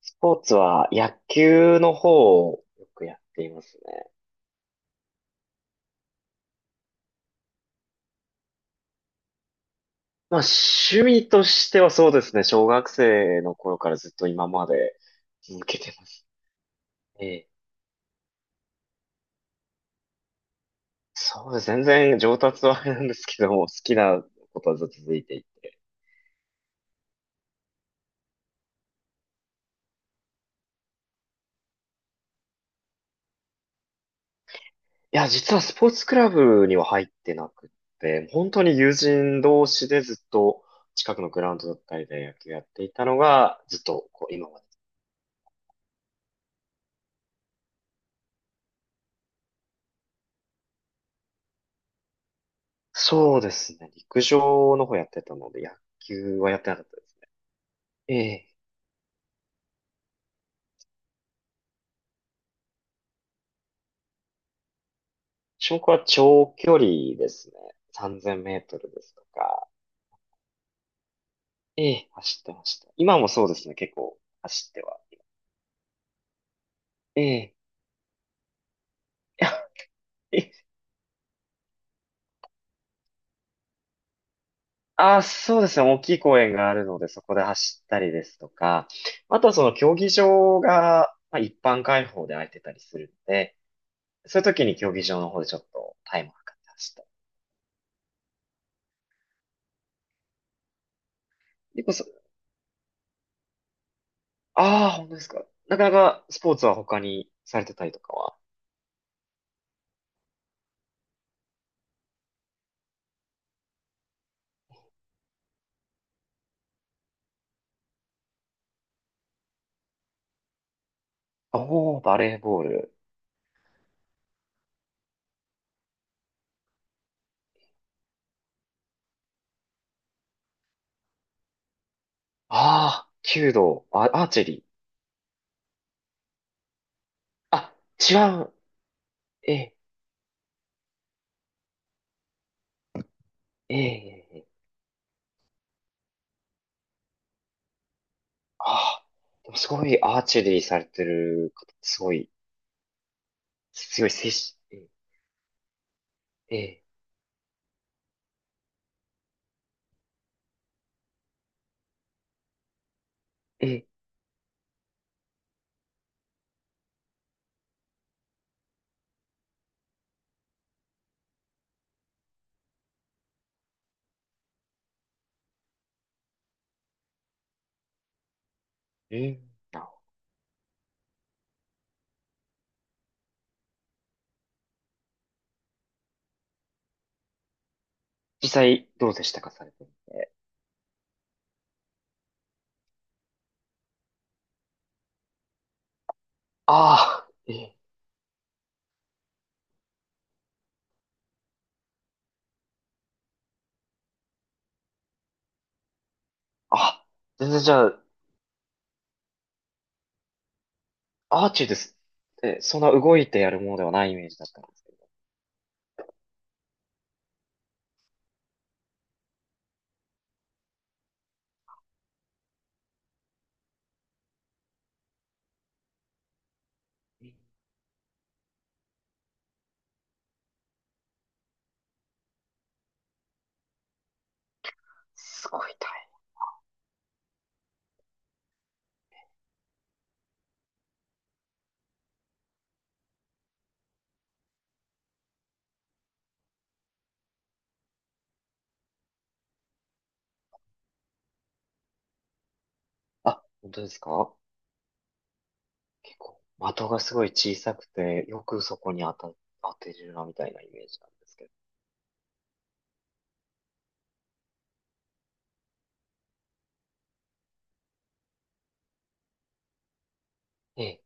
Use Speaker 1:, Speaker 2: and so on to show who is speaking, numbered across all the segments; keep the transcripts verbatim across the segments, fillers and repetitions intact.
Speaker 1: スポーツは野球の方をよくやっていますね。まあ趣味としてはそうですね、小学生の頃からずっと今まで続けてますね。そうです、全然上達はあれなんですけども、好きなことはずっと続いていて。いや、実はスポーツクラブには入ってなくって、本当に友人同士でずっと近くのグラウンドだったりで野球やっていたのが、ずっとこう今まで。そうですね、陸上の方やってたので、野球はやってなかったです。ええ。種目は長距離ですね。さんぜんメートルですとか。ええ、走ってました。今もそうですね。結構走っては。ええ。いやえ、あ、そうですね。大きい公園があるので、そこで走ったりですとか、あとはその競技場が、まあ、一般開放で空いてたりするので、そういう時に競技場の方でちょっとタイムを測って走ったり。結構そ、ああ、本当ですか。なかなかスポーツは他にされてたりとかは。おー、バレーボール。ああ、弓道、あ、アーチェリー。あ、違う。ええ、ええ、ええ、ああ、でもすごいアーチェリーされてる方、すごい、強い精神。ええ、ええ、ええ、うんな、実際どうでしたか、されてみて。ああ、ええ、あ、全然じゃあ、アーチェリーです。え、そんな動いてやるものではないイメージだったんですか。すごい大変。あ、本当ですか？結構、的がすごい小さくて、よくそこに当た、当てるな、みたいなイメージなんですけど。ええ、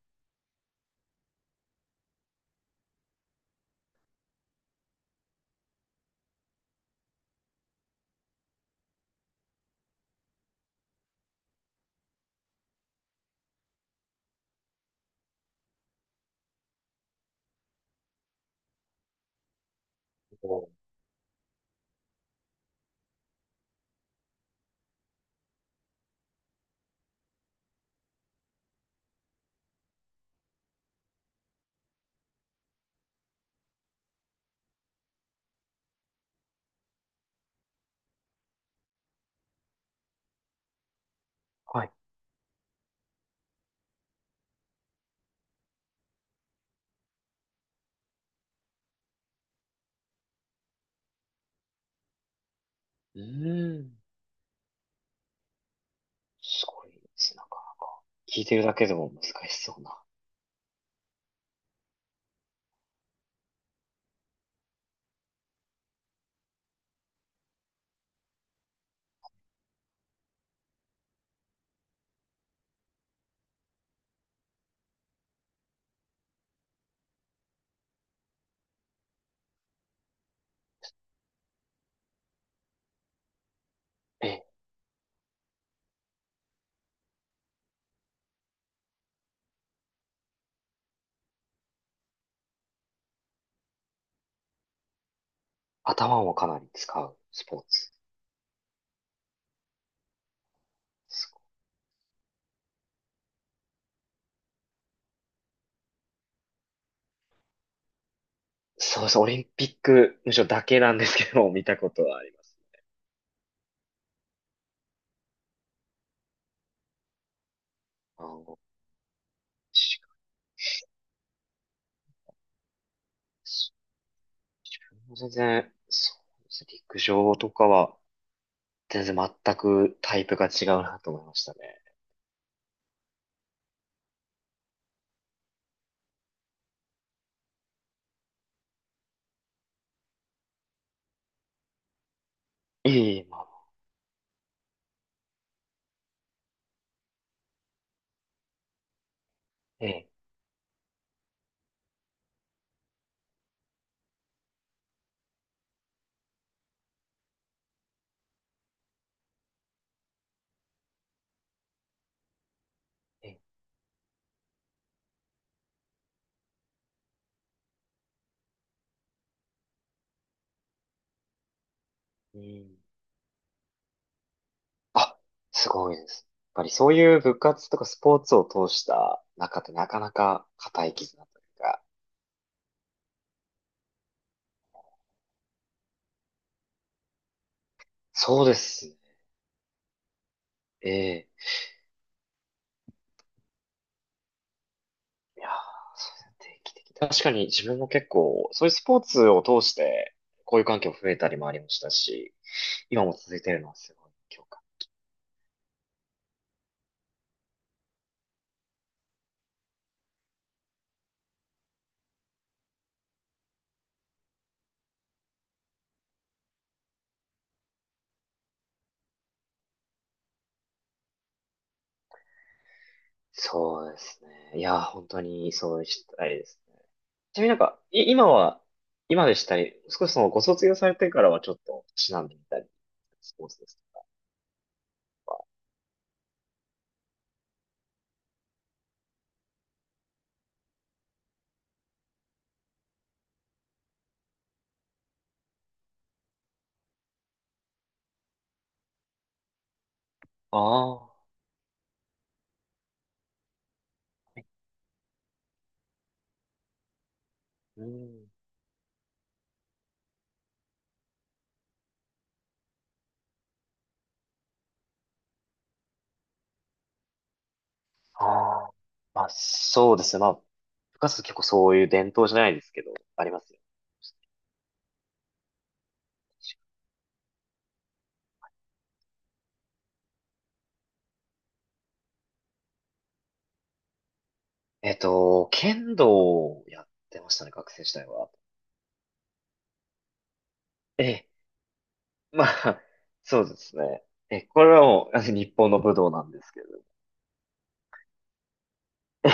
Speaker 1: おー、はい。うーん。すごいですね。なんか、聞いてるだけでも難しそうな。え、頭もかなり使うスポーツ。すごい。そうです。オリンピック、むしろだけなんですけど、見たことはあります。あの、確かに自分も全然、そうですね陸上とかは、全然全くタイプが違うなと思いましたね。ええ、まあ、ええ、ええ、うん。あ、すごいです。やっぱりそういう部活とかスポーツを通した中ってなかなか固い絆というか、そうですね。ええ、いやー、そうですね定期的に確かに自分も結構、そういうスポーツを通して、こういう環境増えたりもありましたし、今も続いてるのはすごい強化。そうですね。いやー、本当にそうしたいですね。ちなみになんか、い、今は、今でしたり、少しそのご卒業されてからはちょっと、しなんでみたり、スポーツです。ああ、うん。ああ、まあそうですね。まあ、部活結構そういう伝統じゃないですけど、ありますよ。えっと、剣道をやってましたね、学生時代は。ええ、まあ、そうですね。え、これはもう、あの日本の武道なんですけど。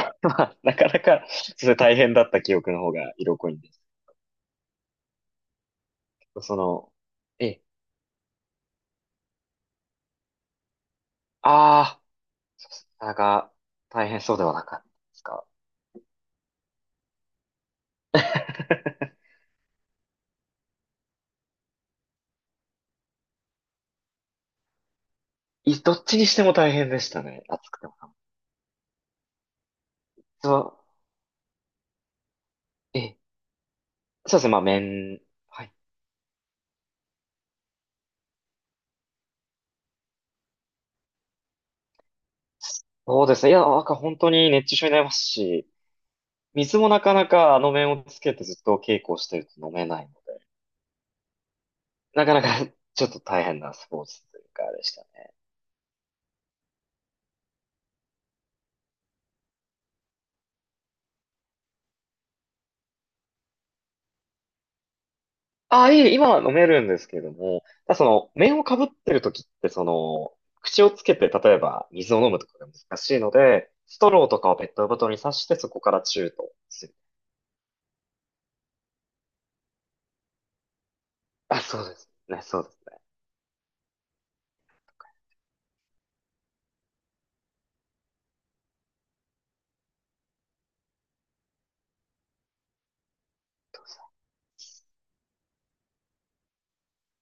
Speaker 1: まあ、なかなか、それ大変だった記憶の方が色濃いんですけど、その、え、ああ、そうですなかなか大変そうではなかったですか。いどっちにしても大変でしたね。暑くても寒くても。そう、ええ、そうですね、まあ、麺、はい。そうですね。いや、なんか本当に熱中症になりますし、水もなかなかあの麺をつけてずっと稽古をしてると飲めないので、なかなか ちょっと大変なスポーツというかでしたね。ああ、いえ、今は飲めるんですけれども、ただその、麺をかぶってる時って、その、口をつけて、例えば水を飲むとかが難しいので、ストローとかをペットボトルに刺して、そこからチュートする。あ、そうですね、そうです。